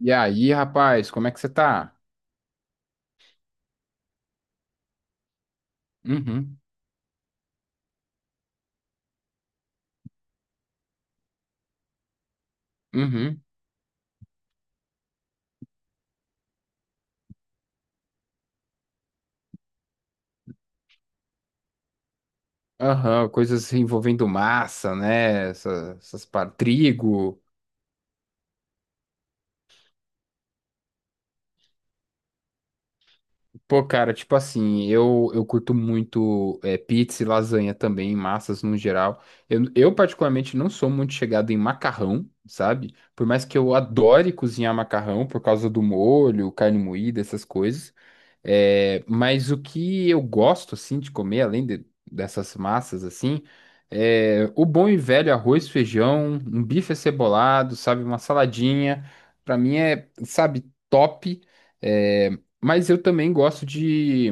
E aí, rapaz, como é que você tá? Uhum. Uhum. Aham, coisas envolvendo massa, né? Essas trigo. Pô, cara, tipo assim, eu curto muito pizza e lasanha também, massas no geral. Eu, particularmente, não sou muito chegado em macarrão, sabe? Por mais que eu adore cozinhar macarrão por causa do molho, carne moída, essas coisas. É, mas o que eu gosto, assim, de comer, dessas massas, assim, é o bom e velho arroz, feijão, um bife acebolado, sabe? Uma saladinha. Pra mim é, sabe, top. eh, mas eu também gosto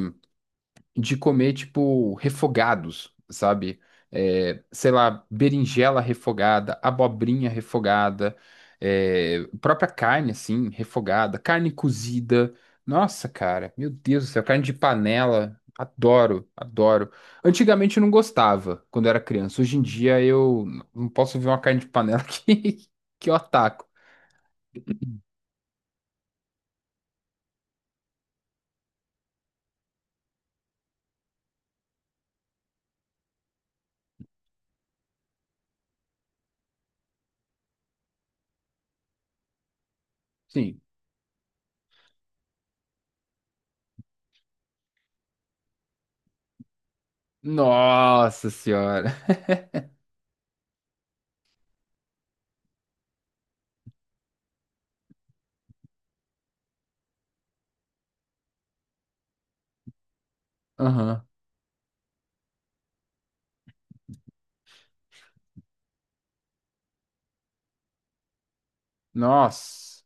de comer, tipo, refogados, sabe? É, sei lá, berinjela refogada, abobrinha refogada, é, própria carne, assim, refogada, carne cozida. Nossa, cara, meu Deus do céu, carne de panela. Adoro, adoro. Antigamente eu não gostava quando eu era criança. Hoje em dia eu não posso ver uma carne de panela que eu ataco. Sim. Nossa senhora. Aham. Nossa.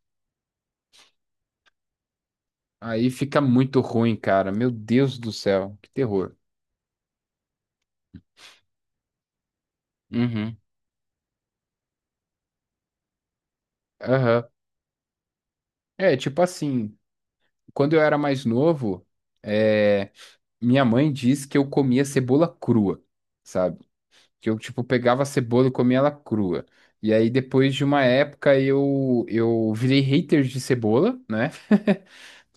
Aí fica muito ruim, cara. Meu Deus do céu, que terror. Uhum. Aham. É, tipo assim, quando eu era mais novo, é, minha mãe diz que eu comia cebola crua, sabe? Que eu, tipo, pegava a cebola e comia ela crua. E aí, depois de uma época, eu virei hater de cebola, né?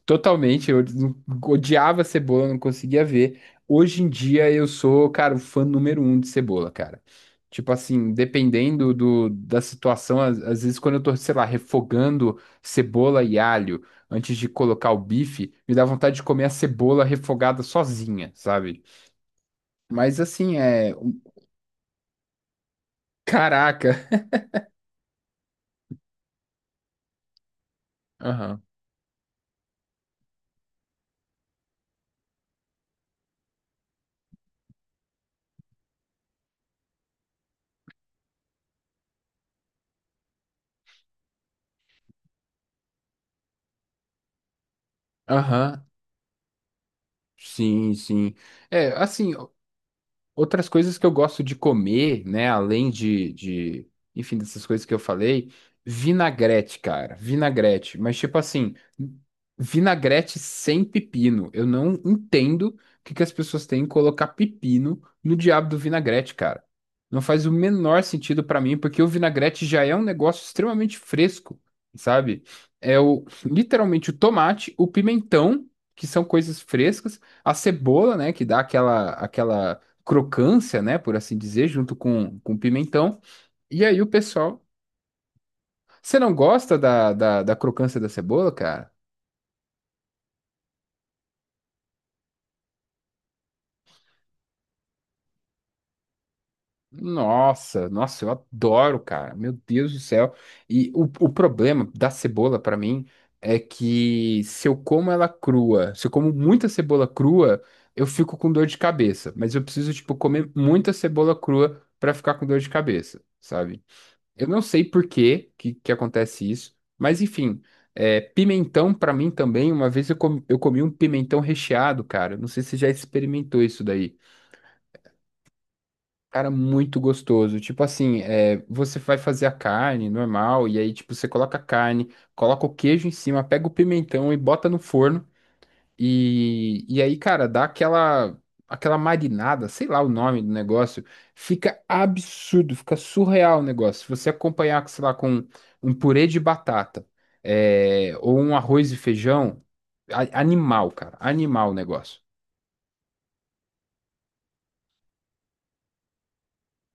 Totalmente, eu não- odiava cebola, não conseguia ver. Hoje em dia eu sou, cara, o fã número um de cebola, cara. Tipo assim, dependendo da situação, às vezes quando eu tô, sei lá, refogando cebola e alho antes de colocar o bife, me dá vontade de comer a cebola refogada sozinha, sabe? Mas assim, Caraca! Aham. Aham. Sim, sim. É, assim. Outras coisas que eu gosto de comer, né, enfim, dessas coisas que eu falei, vinagrete, cara, vinagrete, mas tipo assim, vinagrete sem pepino. Eu não entendo o que que as pessoas têm em colocar pepino no diabo do vinagrete, cara. Não faz o menor sentido pra mim, porque o vinagrete já é um negócio extremamente fresco, sabe? É literalmente o tomate, o pimentão, que são coisas frescas, a cebola, né, que dá aquela crocância, né, por assim dizer, junto com pimentão. E aí o pessoal. Você não gosta da crocância da cebola, cara? Nossa, nossa, eu adoro, cara. Meu Deus do céu. E o problema da cebola pra mim é que se eu como ela crua, se eu como muita cebola crua, eu fico com dor de cabeça. Mas eu preciso, tipo, comer muita cebola crua pra ficar com dor de cabeça, sabe? Eu não sei por que acontece isso, mas enfim, é, pimentão pra mim também, uma vez eu comi um pimentão recheado, cara. Não sei se você já experimentou isso daí. Cara, muito gostoso. Tipo assim, é, você vai fazer a carne normal, e aí, tipo, você coloca a carne, coloca o queijo em cima, pega o pimentão e bota no forno. E aí, cara, dá aquela, aquela marinada, sei lá o nome do negócio, fica absurdo, fica surreal o negócio. Se você acompanhar, sei lá, com um purê de batata, é, ou um arroz e feijão, a- animal, cara, animal o negócio.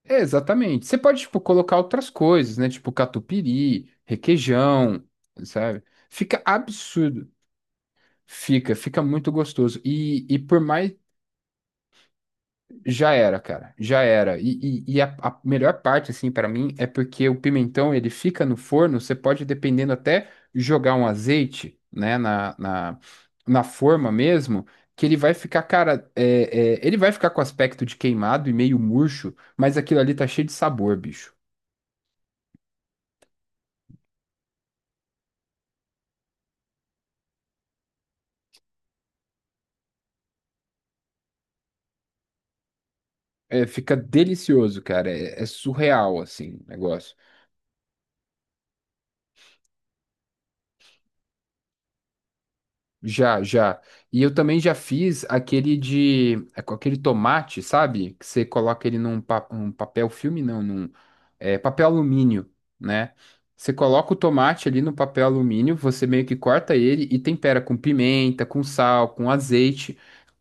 É, exatamente. Você pode, tipo, colocar outras coisas, né? Tipo catupiry, requeijão, sabe? Fica absurdo. Fica, fica muito gostoso. E por mais. Já era, cara, já era. E a melhor parte, assim, pra mim, é porque o pimentão, ele fica no forno, você pode, dependendo, até jogar um azeite, né, na forma mesmo, que ele vai ficar, cara, é, é, ele vai ficar com aspecto de queimado e meio murcho, mas aquilo ali tá cheio de sabor, bicho. É, fica delicioso, cara, é, é surreal, assim, o negócio. Já, já. E eu também já fiz aquele de, é com aquele tomate, sabe? Que você coloca ele um papel filme, não, num, é, papel alumínio, né? Você coloca o tomate ali no papel alumínio, você meio que corta ele e tempera com pimenta, com sal, com azeite,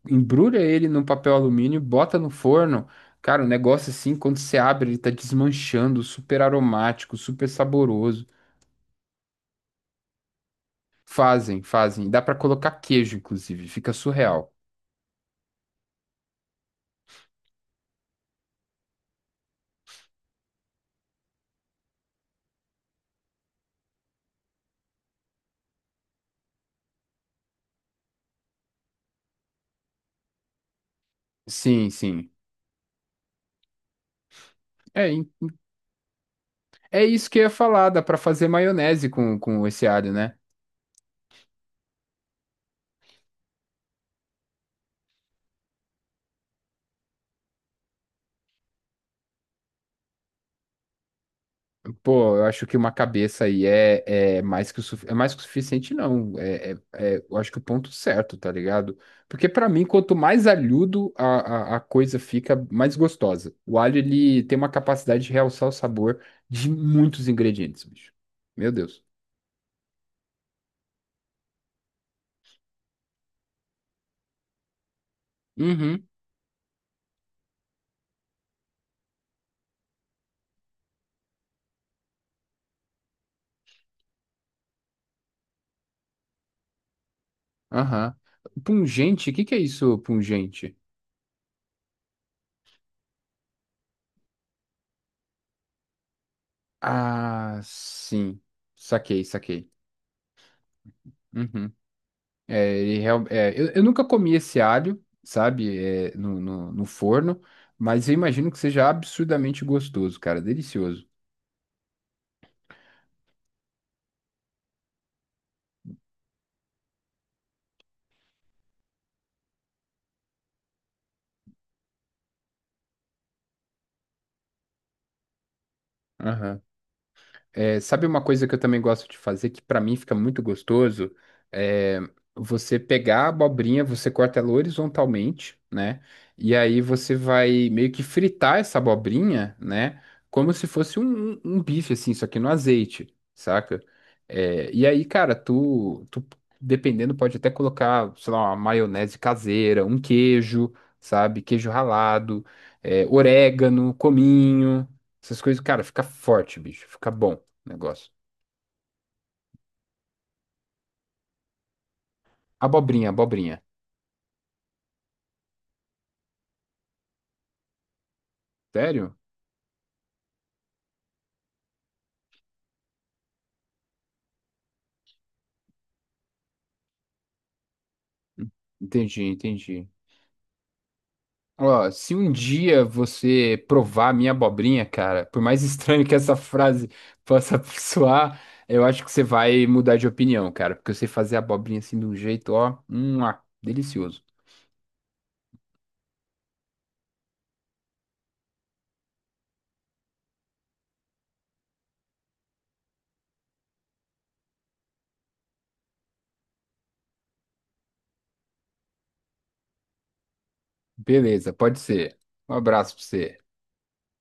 embrulha ele num papel alumínio, bota no forno. Cara, o negócio assim, quando você abre, ele tá desmanchando, super aromático, super saboroso. Fazem, fazem. Dá pra colocar queijo, inclusive, fica surreal. Sim, sim. É, hein? É isso que eu ia falar, dá pra fazer maionese com esse alho, né? Pô, eu acho que uma cabeça aí é, é mais que o é mais que o suficiente, não. É, eu acho que o ponto certo, tá ligado? Porque pra mim, quanto mais alhudo a coisa fica, mais gostosa. O alho, ele tem uma capacidade de realçar o sabor de muitos ingredientes, bicho. Meu Deus. Uhum. Aham. Pungente, o que que é isso, pungente? Ah, sim. Saquei, saquei. Uhum. É, ele real, é, eu nunca comi esse alho, sabe, é, no forno, mas eu imagino que seja absurdamente gostoso, cara, delicioso. Aham. É, sabe uma coisa que eu também gosto de fazer, que pra mim fica muito gostoso? É você pegar a abobrinha, você corta ela horizontalmente, né? E aí você vai meio que fritar essa abobrinha, né? Como se fosse um, um bife, assim, só que no azeite, saca? É, e aí, cara, tu, tu, dependendo, pode até colocar, sei lá, uma maionese caseira, um queijo, sabe? Queijo ralado, é, orégano, cominho. Essas coisas, cara, fica forte, bicho, fica bom negócio. Abobrinha, abobrinha. Sério? Entendi, entendi. Ó, se um dia você provar a minha abobrinha, cara, por mais estranho que essa frase possa soar, eu acho que você vai mudar de opinião, cara, porque eu sei fazer a abobrinha assim de um jeito, ó, ah, delicioso. Beleza, pode ser. Um abraço pra você.